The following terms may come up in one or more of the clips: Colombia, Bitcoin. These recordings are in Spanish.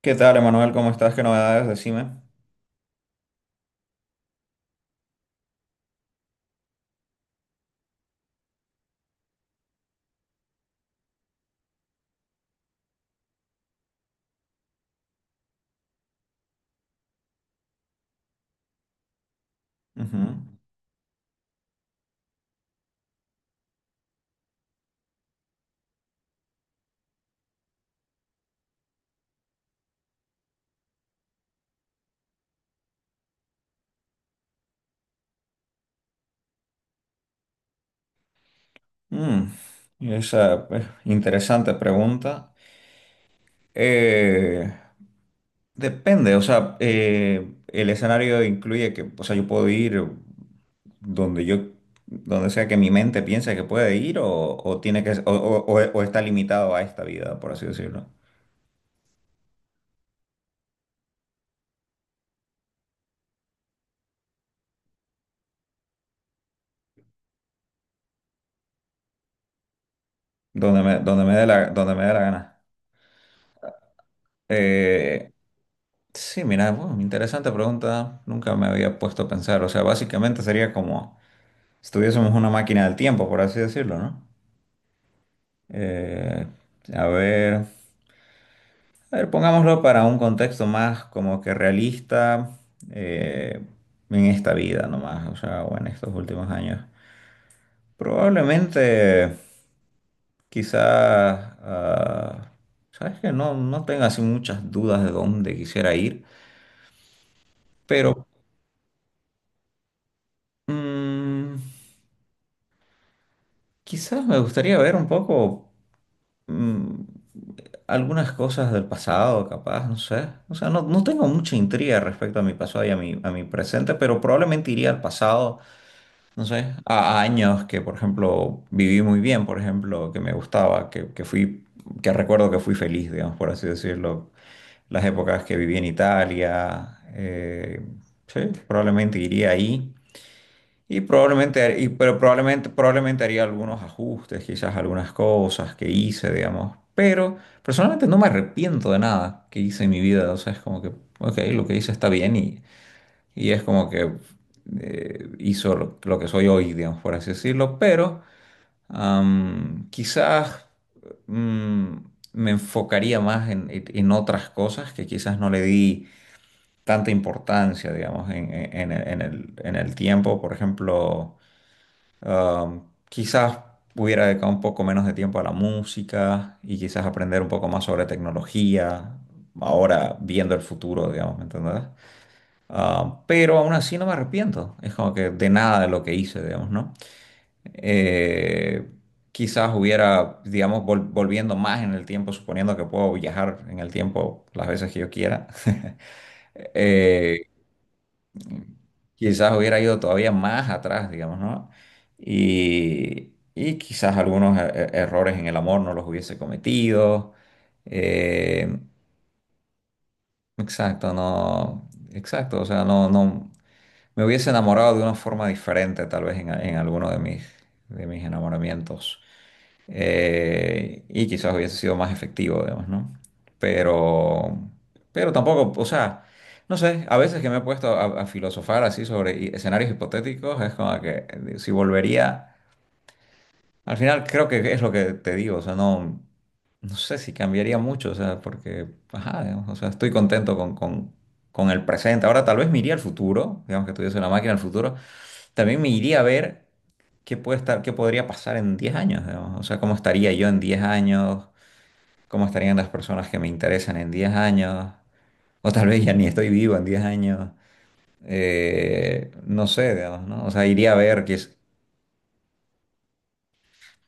¿Qué tal, Emanuel? ¿Cómo estás? ¿Qué novedades? Decime. Ujú. Mm, esa interesante pregunta. Eh, Depende, o sea, el escenario incluye que, o sea, yo puedo ir donde yo, donde sea que mi mente piense que puede ir o tiene que, o está limitado a esta vida, por así decirlo. Donde me dé donde me dé la gana. Eh, sí, mira, bueno, interesante pregunta. Nunca me había puesto a pensar. O sea, básicamente sería como estuviésemos una máquina del tiempo, por así decirlo, ¿no? Eh, a ver, a ver, pongámoslo para un contexto más como que realista, eh, en esta vida nomás, o sea, o en estos últimos años. Probablemente, quizás, sabes que no tengo así muchas dudas de dónde quisiera ir, pero mm, quizás me gustaría ver un poco. mm, Algunas cosas del pasado, capaz, no sé. O sea, no tengo mucha intriga respecto a mi pasado y a a mi presente, pero probablemente iría al pasado, no sé, a años que, por ejemplo, viví muy bien, por ejemplo, que me gustaba, que fui, que recuerdo que fui feliz, digamos, por así decirlo. Las épocas que viví en Italia, sí, probablemente iría ahí. Y probablemente, probablemente haría algunos ajustes, quizás algunas cosas que hice, digamos. Pero personalmente no me arrepiento de nada que hice en mi vida. O sea, es como que ok, lo que hice está bien, y es como que hizo lo que soy hoy, digamos, por así decirlo. Pero quizás, mm, me enfocaría más en otras cosas que quizás no le di tanta importancia, digamos, en el tiempo. Por ejemplo, Ah, quizás hubiera dedicado un poco menos de tiempo a la música y quizás aprender un poco más sobre tecnología, ahora viendo el futuro, digamos, ¿me entendés? Pero aún así no me arrepiento, es como que de nada de lo que hice, digamos, ¿no? Eh, Quizás hubiera, digamos, volviendo más en el tiempo, suponiendo que puedo viajar en el tiempo las veces que yo quiera. Eh, Quizás hubiera ido todavía más atrás, digamos, ¿no? Y quizás algunos errores en el amor no los hubiese cometido. Eh, exacto, no, exacto, o sea, no, no, me hubiese enamorado de una forma diferente, tal vez en alguno de de mis enamoramientos, y quizás hubiese sido más efectivo, digamos, ¿no? Pero, pero tampoco, o sea, no sé, a veces que me he puesto a filosofar así sobre escenarios hipotéticos, es como que si volvería, al final creo que es lo que te digo, o sea, no, no sé si cambiaría mucho, o sea, porque, ajá, digamos, o sea, estoy contento con el presente. Ahora tal vez me iría al futuro, digamos que tuviese una máquina del futuro, también me iría a ver qué puede estar, qué podría pasar en 10 años, digamos. O sea, cómo estaría yo en 10 años, cómo estarían las personas que me interesan en 10 años, o tal vez ya ni estoy vivo en 10 años. No sé, digamos, ¿no? O sea, iría a ver qué es.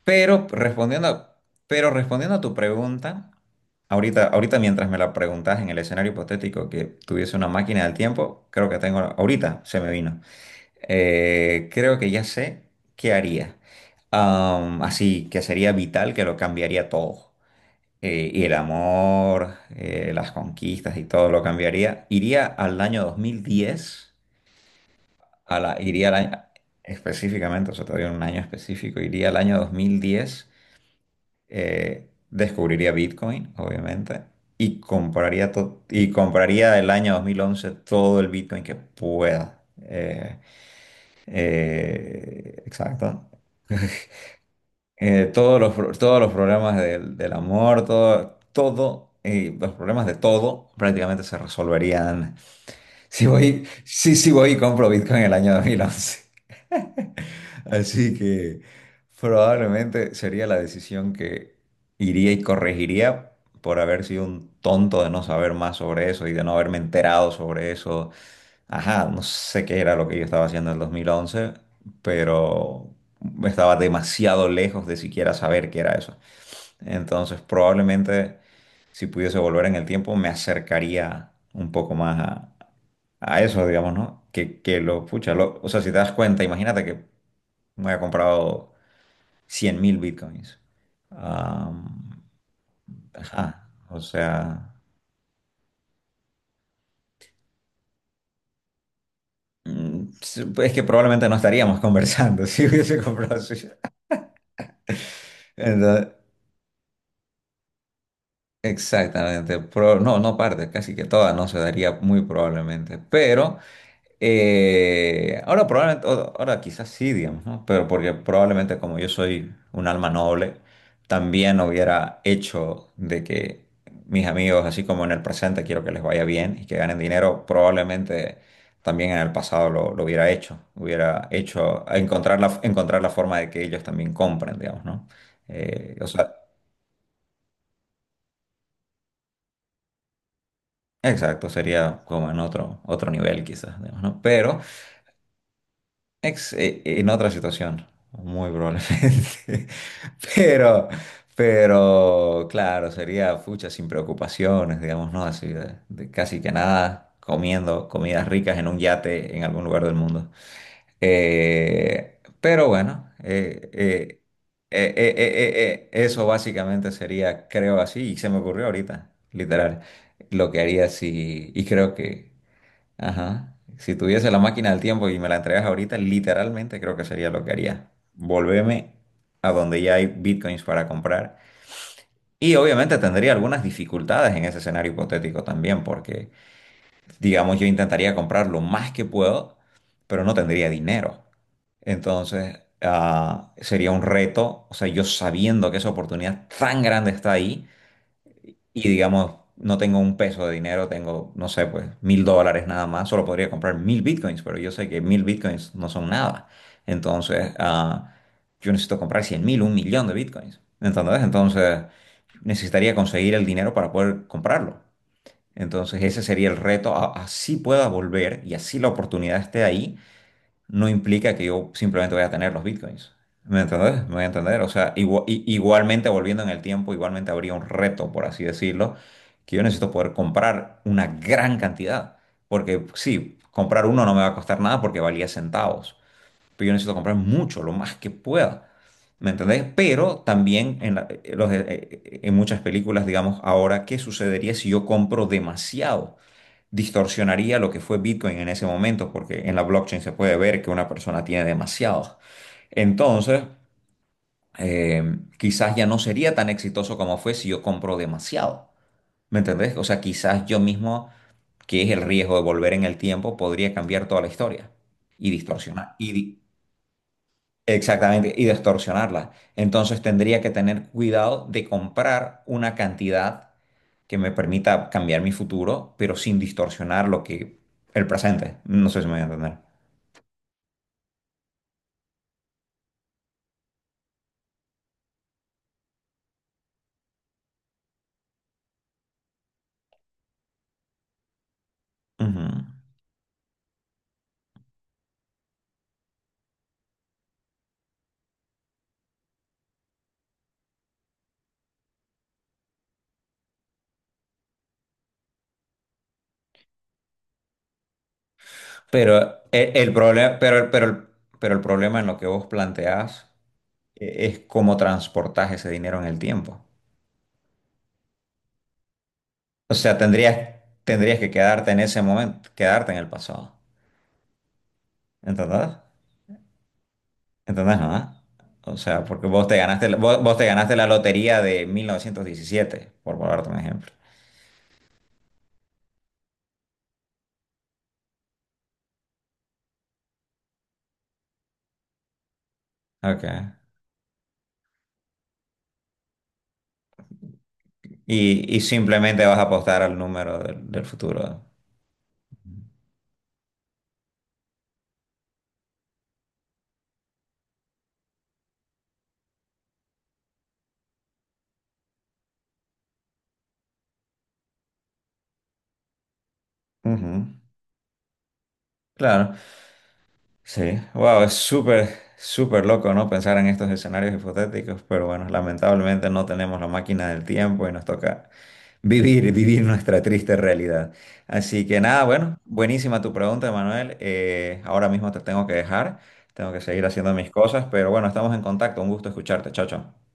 Pero respondiendo, pero respondiendo a tu pregunta, ahorita, ahorita mientras me la preguntas en el escenario hipotético que tuviese una máquina del tiempo, creo que tengo, ahorita se me vino. Creo que ya sé qué haría. Así que sería vital que lo cambiaría todo. Y el amor, las conquistas y todo lo cambiaría. Iría al año 2010, iría al año, específicamente, o sea, todavía un año específico, iría al año 2010, descubriría Bitcoin, obviamente, y compraría, y compraría el año 2011 todo el Bitcoin que pueda. Exacto. Todos los, todos los problemas del amor, todo, todo, los problemas de todo prácticamente se resolverían. Si voy, sí, sí voy y compro Bitcoin en el año 2011. Así que probablemente sería la decisión que iría y corregiría por haber sido un tonto de no saber más sobre eso y de no haberme enterado sobre eso. Ajá, no sé qué era lo que yo estaba haciendo en el 2011, pero estaba demasiado lejos de siquiera saber qué era eso. Entonces, probablemente si pudiese volver en el tiempo, me acercaría un poco más a eso, digamos, ¿no? Que lo, pucha, o sea, si te das cuenta, imagínate que me había comprado 100.000 bitcoins. Am, ajá, o sea, mm, es que probablemente no estaríamos conversando. Si hubiese comprado así. Exactamente, no, no parte, casi que toda no se daría muy probablemente, pero ahora probablemente, ahora quizás sí, digamos, ¿no? Pero porque probablemente como yo soy un alma noble, también hubiera hecho de que mis amigos, así como en el presente quiero que les vaya bien y que ganen dinero, probablemente también en el pasado lo hubiera hecho encontrar encontrar la forma de que ellos también compren, digamos, ¿no? O sea, exacto, sería como en otro, otro nivel quizás, digamos, ¿no? Pero, en otra situación, muy probablemente. Pero, pero, claro, sería fucha sin preocupaciones, digamos, ¿no? Así de casi que nada, comiendo comidas ricas en un yate en algún lugar del mundo. Pero bueno, eso básicamente sería, creo así, y se me ocurrió ahorita, literal, lo que haría si, y creo que ajá. Si tuviese la máquina del tiempo y me la entregas ahorita, literalmente creo que sería lo que haría. Volverme a donde ya hay bitcoins para comprar. Y obviamente tendría algunas dificultades en ese escenario hipotético también, porque digamos yo intentaría comprar lo más que puedo, pero no tendría dinero. Entonces, sería un reto, o sea, yo sabiendo que esa oportunidad tan grande está ahí y digamos, no tengo un peso de dinero, tengo, no sé, pues $1000 nada más, solo podría comprar 1000 bitcoins, pero yo sé que 1000 bitcoins no son nada. Entonces, yo necesito comprar 100.000, un millón de bitcoins. ¿Entendés? Entonces, necesitaría conseguir el dinero para poder comprarlo. Entonces, ese sería el reto. Así pueda volver y así la oportunidad esté ahí, no implica que yo simplemente voy a tener los bitcoins. ¿Me entendés? ¿Me voy a entender? O sea, igualmente volviendo en el tiempo, igualmente habría un reto, por así decirlo, que yo necesito poder comprar una gran cantidad. Porque sí, comprar uno no me va a costar nada porque valía centavos. Pero yo necesito comprar mucho, lo más que pueda. ¿Me entendés? Pero también en, en muchas películas, digamos, ahora, ¿qué sucedería si yo compro demasiado? Distorsionaría lo que fue Bitcoin en ese momento, porque en la blockchain se puede ver que una persona tiene demasiados. Entonces, eh, quizás ya no sería tan exitoso como fue si yo compro demasiado. ¿Me entendés? O sea, quizás yo mismo, que es el riesgo de volver en el tiempo, podría cambiar toda la historia y distorsionar. Exactamente, y distorsionarla. Entonces tendría que tener cuidado de comprar una cantidad que me permita cambiar mi futuro, pero sin distorsionar lo que el presente. No sé si me voy a entender. Ujú. Pero el problema, pero el problema en lo que vos planteás, es cómo transportás ese dinero en el tiempo. O sea, tendrías, tendrías que quedarte en ese momento, quedarte en el pasado. ¿Entendés? ¿Entendés, no? O sea, porque vos te ganaste, vos, vos te ganaste la lotería de 1917, por ponerte un ejemplo. Ok. Y simplemente vas a apostar al número del futuro. Ujú, claro, sí. Wow, es súper, súper loco, ¿no? Pensar en estos escenarios hipotéticos, pero bueno, lamentablemente no tenemos la máquina del tiempo y nos toca vivir, vivir nuestra triste realidad. Así que nada, bueno, buenísima tu pregunta, Manuel. Ahora mismo te tengo que dejar, tengo que seguir haciendo mis cosas, pero bueno, estamos en contacto. Un gusto escucharte. Chao, chao.